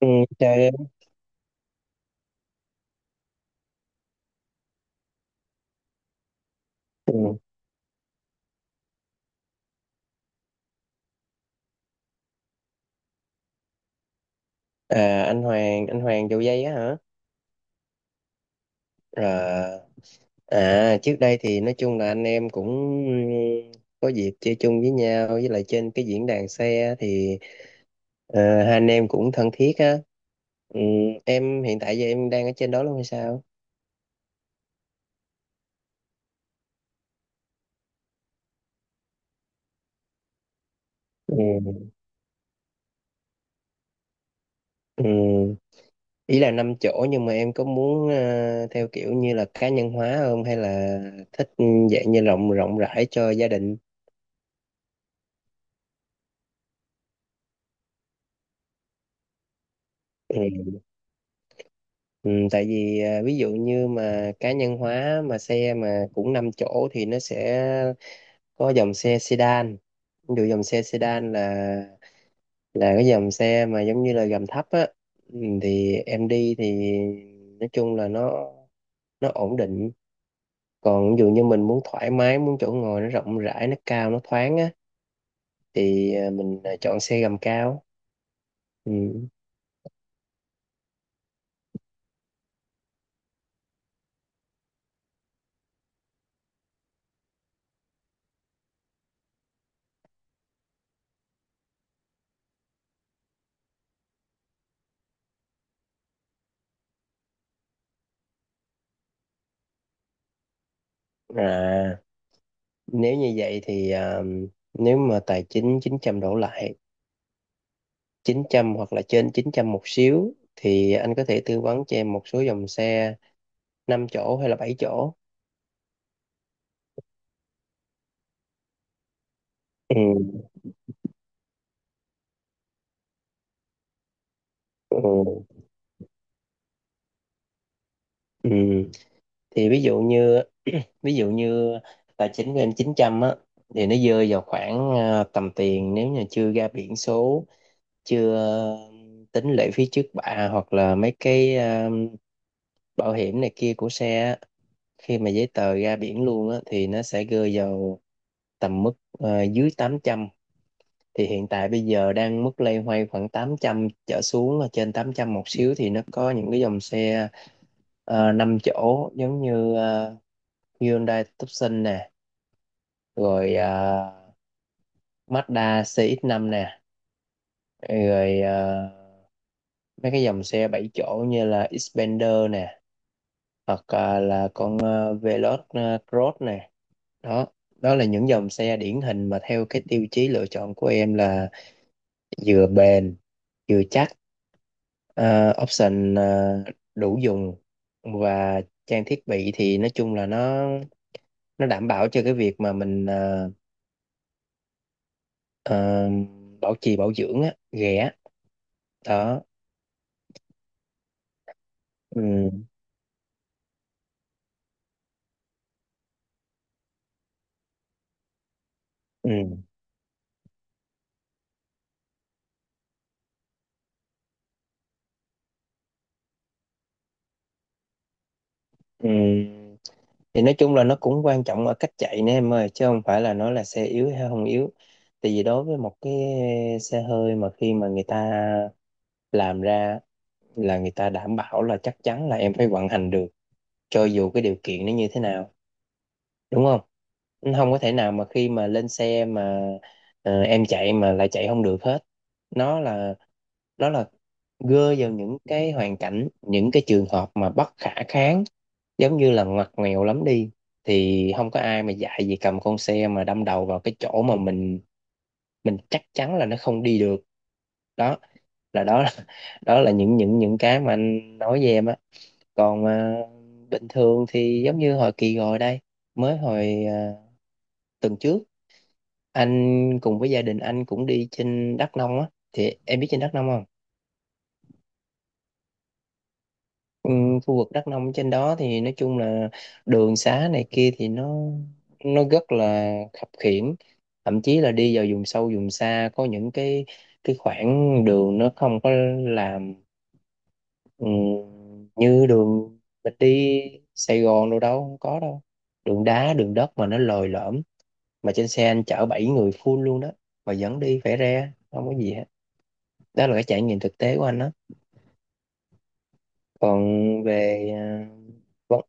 Ừ, chơi em. Ừ. À, anh Hoàng vô dây á hả? Rồi. Trước đây thì nói chung là anh em cũng ừ, có dịp chơi chung với nhau, với lại trên cái diễn đàn xe thì hai anh em cũng thân thiết á. ừ, em hiện tại giờ em đang ở trên đó luôn hay sao? ừ. Ừ. Ý là năm chỗ nhưng mà em có muốn theo kiểu như là cá nhân hóa không, hay là thích dạng như rộng rộng rãi cho gia đình? ừ. Ừ, tại vì ví dụ như mà cá nhân hóa mà xe mà cũng 5 chỗ thì nó sẽ có dòng xe sedan. Ví dụ dòng xe sedan là cái dòng xe mà giống như là gầm thấp á. Ừ, thì em đi thì nói chung là nó ổn định. Còn ví dụ như mình muốn thoải mái, muốn chỗ ngồi nó rộng rãi, nó cao, nó thoáng á thì mình chọn xe gầm cao. Ừ. À, nếu như vậy thì nếu mà tài chính 900 đổ lại, 900 hoặc là trên 900 một xíu, thì anh có thể tư vấn cho em một số dòng xe 5 chỗ hay là bảy chỗ. Ừ. Ừ. Ừ. Thì ví dụ như tài chính của em 900 á thì nó rơi vào khoảng tầm tiền, nếu như chưa ra biển số, chưa tính lệ phí trước bạ hoặc là mấy cái bảo hiểm này kia của xe á. Khi mà giấy tờ ra biển luôn á thì nó sẽ rơi vào tầm mức dưới tám trăm. Thì hiện tại bây giờ đang mức loay hoay khoảng 800 trở xuống, ở trên 800 một xíu, thì nó có những cái dòng xe 5 chỗ giống như Hyundai Tucson nè, rồi Mazda cx năm nè, rồi mấy cái dòng xe 7 chỗ như là Xpander nè, hoặc là con Veloz Cross nè. Đó, đó là những dòng xe điển hình mà theo cái tiêu chí lựa chọn của em là vừa bền chưa chắc, Ờ, option đủ dùng, và trang thiết bị thì nói chung là nó đảm bảo cho cái việc mà mình ờ, bảo trì bảo dưỡng á ghẻ. Đó. ừ, ừ, ừ. Thì nói chung là nó cũng quan trọng ở cách chạy nè em ơi, chứ không phải là nó là xe yếu hay không yếu. Tại vì đối với một cái xe hơi, mà khi mà người ta làm ra là người ta đảm bảo là chắc chắn là em phải vận hành được cho dù cái điều kiện nó như thế nào, đúng không? Không có thể nào mà khi mà lên xe mà em chạy mà lại chạy không được hết. Nó là nó là gơ vào những cái hoàn cảnh, những cái trường hợp mà bất khả kháng, giống như là ngoặt nghèo lắm đi, thì không có ai mà dạy gì cầm con xe mà đâm đầu vào cái chỗ mà mình chắc chắn là nó không đi được. Đó là đó là những cái mà anh nói với em á. Còn bình thường thì giống như hồi kỳ rồi đây, mới hồi tuần trước, anh cùng với gia đình anh cũng đi trên Đắk Nông á, thì em biết trên Đắk Nông không? ừ, Khu vực Đắk Nông trên đó thì nói chung là đường xá này kia thì nó rất là khập khiễng. Thậm chí là đi vào vùng sâu vùng xa có những cái khoảng đường nó không có làm, ừ, như đường mình đi Sài Gòn đâu, đâu không có đâu, đường đá đường đất mà nó lồi lõm, mà trên xe anh chở bảy người full luôn đó, mà vẫn đi phải re không có gì hết. Đó là cái trải nghiệm thực tế của anh đó. Còn về vấn-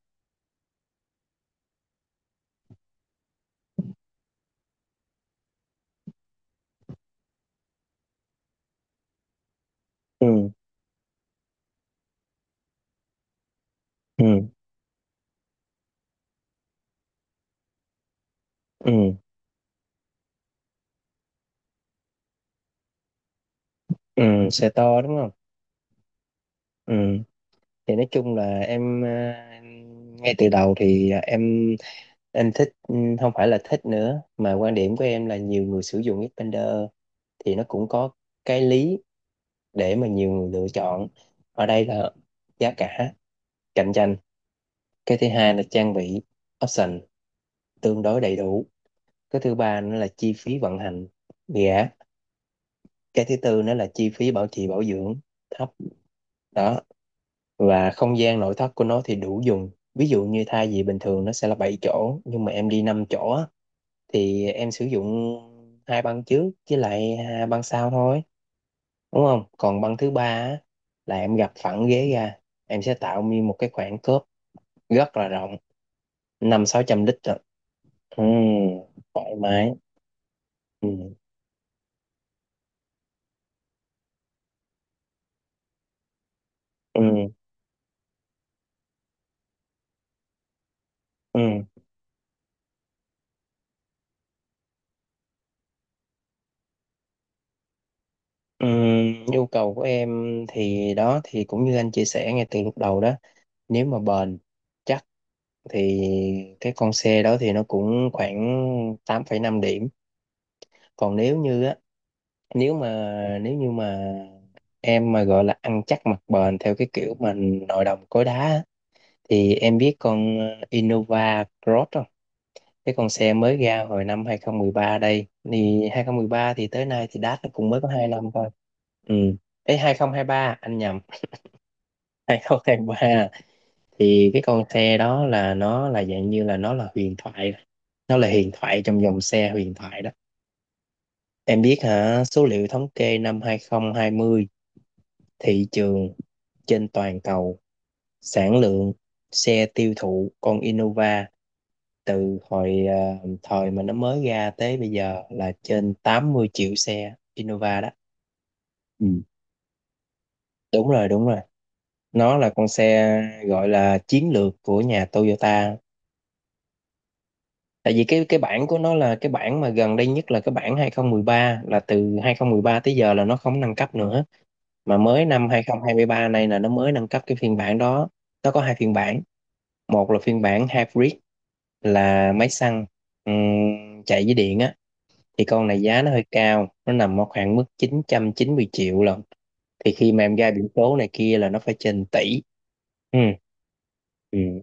ừ, ừ, ừ, ừ, xe to đúng không? Ừ. Thì nói chung là em ngay từ đầu thì em thích không phải là thích nữa, mà quan điểm của em là nhiều người sử dụng Xpander thì nó cũng có cái lý để mà nhiều người lựa chọn. Ở đây là giá cả cạnh tranh, cái thứ hai là trang bị option tương đối đầy đủ, cái thứ ba nữa là chi phí vận hành gã, cái thứ tư nữa là chi phí bảo trì bảo dưỡng thấp. Đó. Và không gian nội thất của nó thì đủ dùng. Ví dụ như thay vì bình thường nó sẽ là 7 chỗ, nhưng mà em đi 5 chỗ á, thì em sử dụng hai băng trước với lại hai băng sau thôi, đúng không? Còn băng thứ ba á, là em gập phẳng ghế ra, em sẽ tạo như một cái khoảng khớp rất là rộng, năm sáu trăm lít rồi. ừ, Thoải mái. ừ, ừ, ừ. Nhu cầu của em thì đó, thì cũng như anh chia sẻ ngay từ lúc đầu đó, nếu mà bền chắc thì cái con xe đó thì nó cũng khoảng tám phẩy năm điểm. Còn nếu như á, nếu mà nếu như mà em mà gọi là ăn chắc mặc bền theo cái kiểu mà nội đồng cối đá á, thì em biết con Innova Cross không? Cái con xe mới ra hồi năm 2013 đây thì 2013 thì tới nay thì đát nó cũng mới có 2 năm thôi. Ừ. Ê, ba anh nhầm, hai không tháng ba. Thì cái con xe đó là nó là dạng như là nó là huyền thoại, nó là huyền thoại trong dòng xe huyền thoại đó. Em biết hả? Số liệu thống kê năm 2020, thị trường trên toàn cầu, sản lượng xe tiêu thụ con Innova từ hồi thời mà nó mới ra tới bây giờ là trên 80 triệu xe Innova đó. Ừ. Đúng rồi, đúng rồi, nó là con xe gọi là chiến lược của nhà Toyota. Tại vì cái bản của nó, là cái bản mà gần đây nhất là cái bản hai không một ba, là từ 2013 tới giờ là nó không nâng cấp nữa, mà mới năm 2023 này là nó mới nâng cấp cái phiên bản đó. Nó có hai phiên bản, một là phiên bản hybrid, là máy xăng chạy với điện á. Thì con này giá nó hơi cao, nó nằm ở khoảng mức chín chín trăm chín mươi triệu lận. Thì khi mà em ra biển số này kia là nó phải trên tỷ. Ừ. Ừ.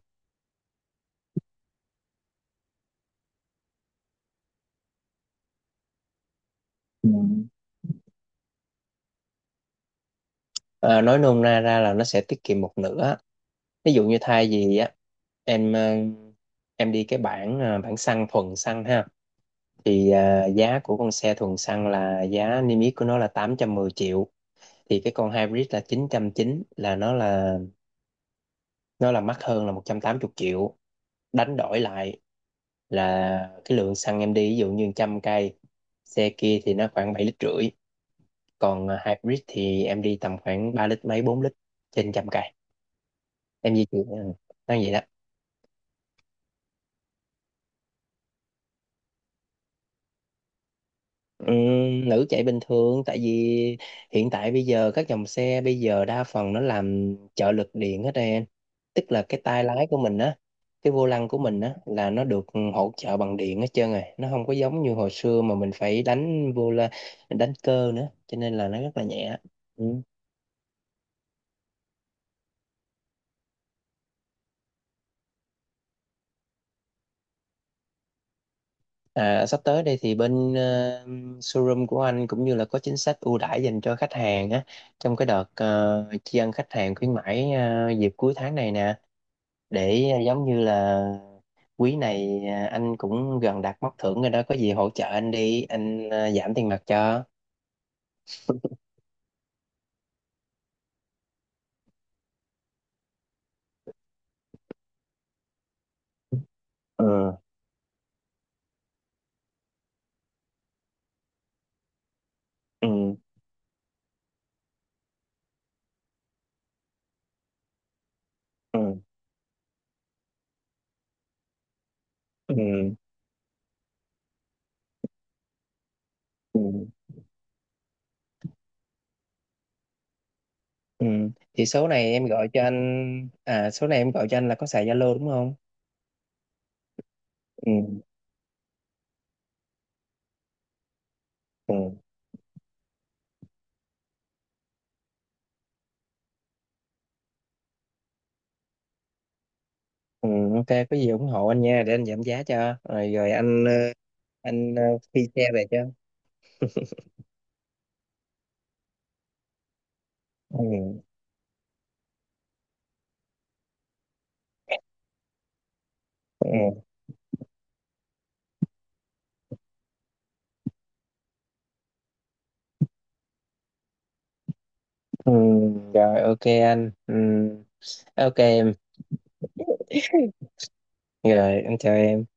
Ừ. À, nói nôm na ra là nó sẽ tiết kiệm một nửa. Ví dụ như thay vì á, em ờ, em đi cái bản bản xăng, thuần xăng ha, thì giá của con xe thuần xăng là giá niêm yết của nó là 810 triệu, thì cái con hybrid là chín trăm chín, là nó là mắc hơn là 180 triệu. Đánh đổi lại là cái lượng xăng em đi, ví dụ như 100 cây, xe kia thì nó khoảng 7 lít rưỡi, còn hybrid thì em đi tầm khoảng 3 lít mấy, 4 lít trên 100 cây em di chuyển. Ờ, nó vậy đó. Nữ chạy bình thường, tại vì hiện tại bây giờ các dòng xe bây giờ đa phần nó làm trợ lực điện hết em. Tức là cái tay lái của mình á, cái vô lăng của mình á, là nó được hỗ trợ bằng điện hết trơn rồi, nó không có giống như hồi xưa mà mình phải đánh vô la, đánh cơ nữa, cho nên là nó rất là nhẹ. Ừ. À, sắp tới đây thì bên showroom của anh cũng như là có chính sách ưu đãi dành cho khách hàng á, trong cái đợt tri ân khách hàng khuyến mãi dịp cuối tháng này nè, để giống như là quý này, anh cũng gần đạt mốc thưởng rồi đó, có gì hỗ trợ anh đi anh, giảm tiền mặt cho. ừ ừ ừ ừ ừ ừ thì số này em gọi cho anh là có xài Zalo đúng không? ừ ừ ừ ok, có gì ủng hộ anh nha, để anh giảm giá cho, rồi rồi anh ờ, phi xe về cho. ừ ừ ừ Rồi, ok anh. Ừ. Ok em, rồi anh chào em.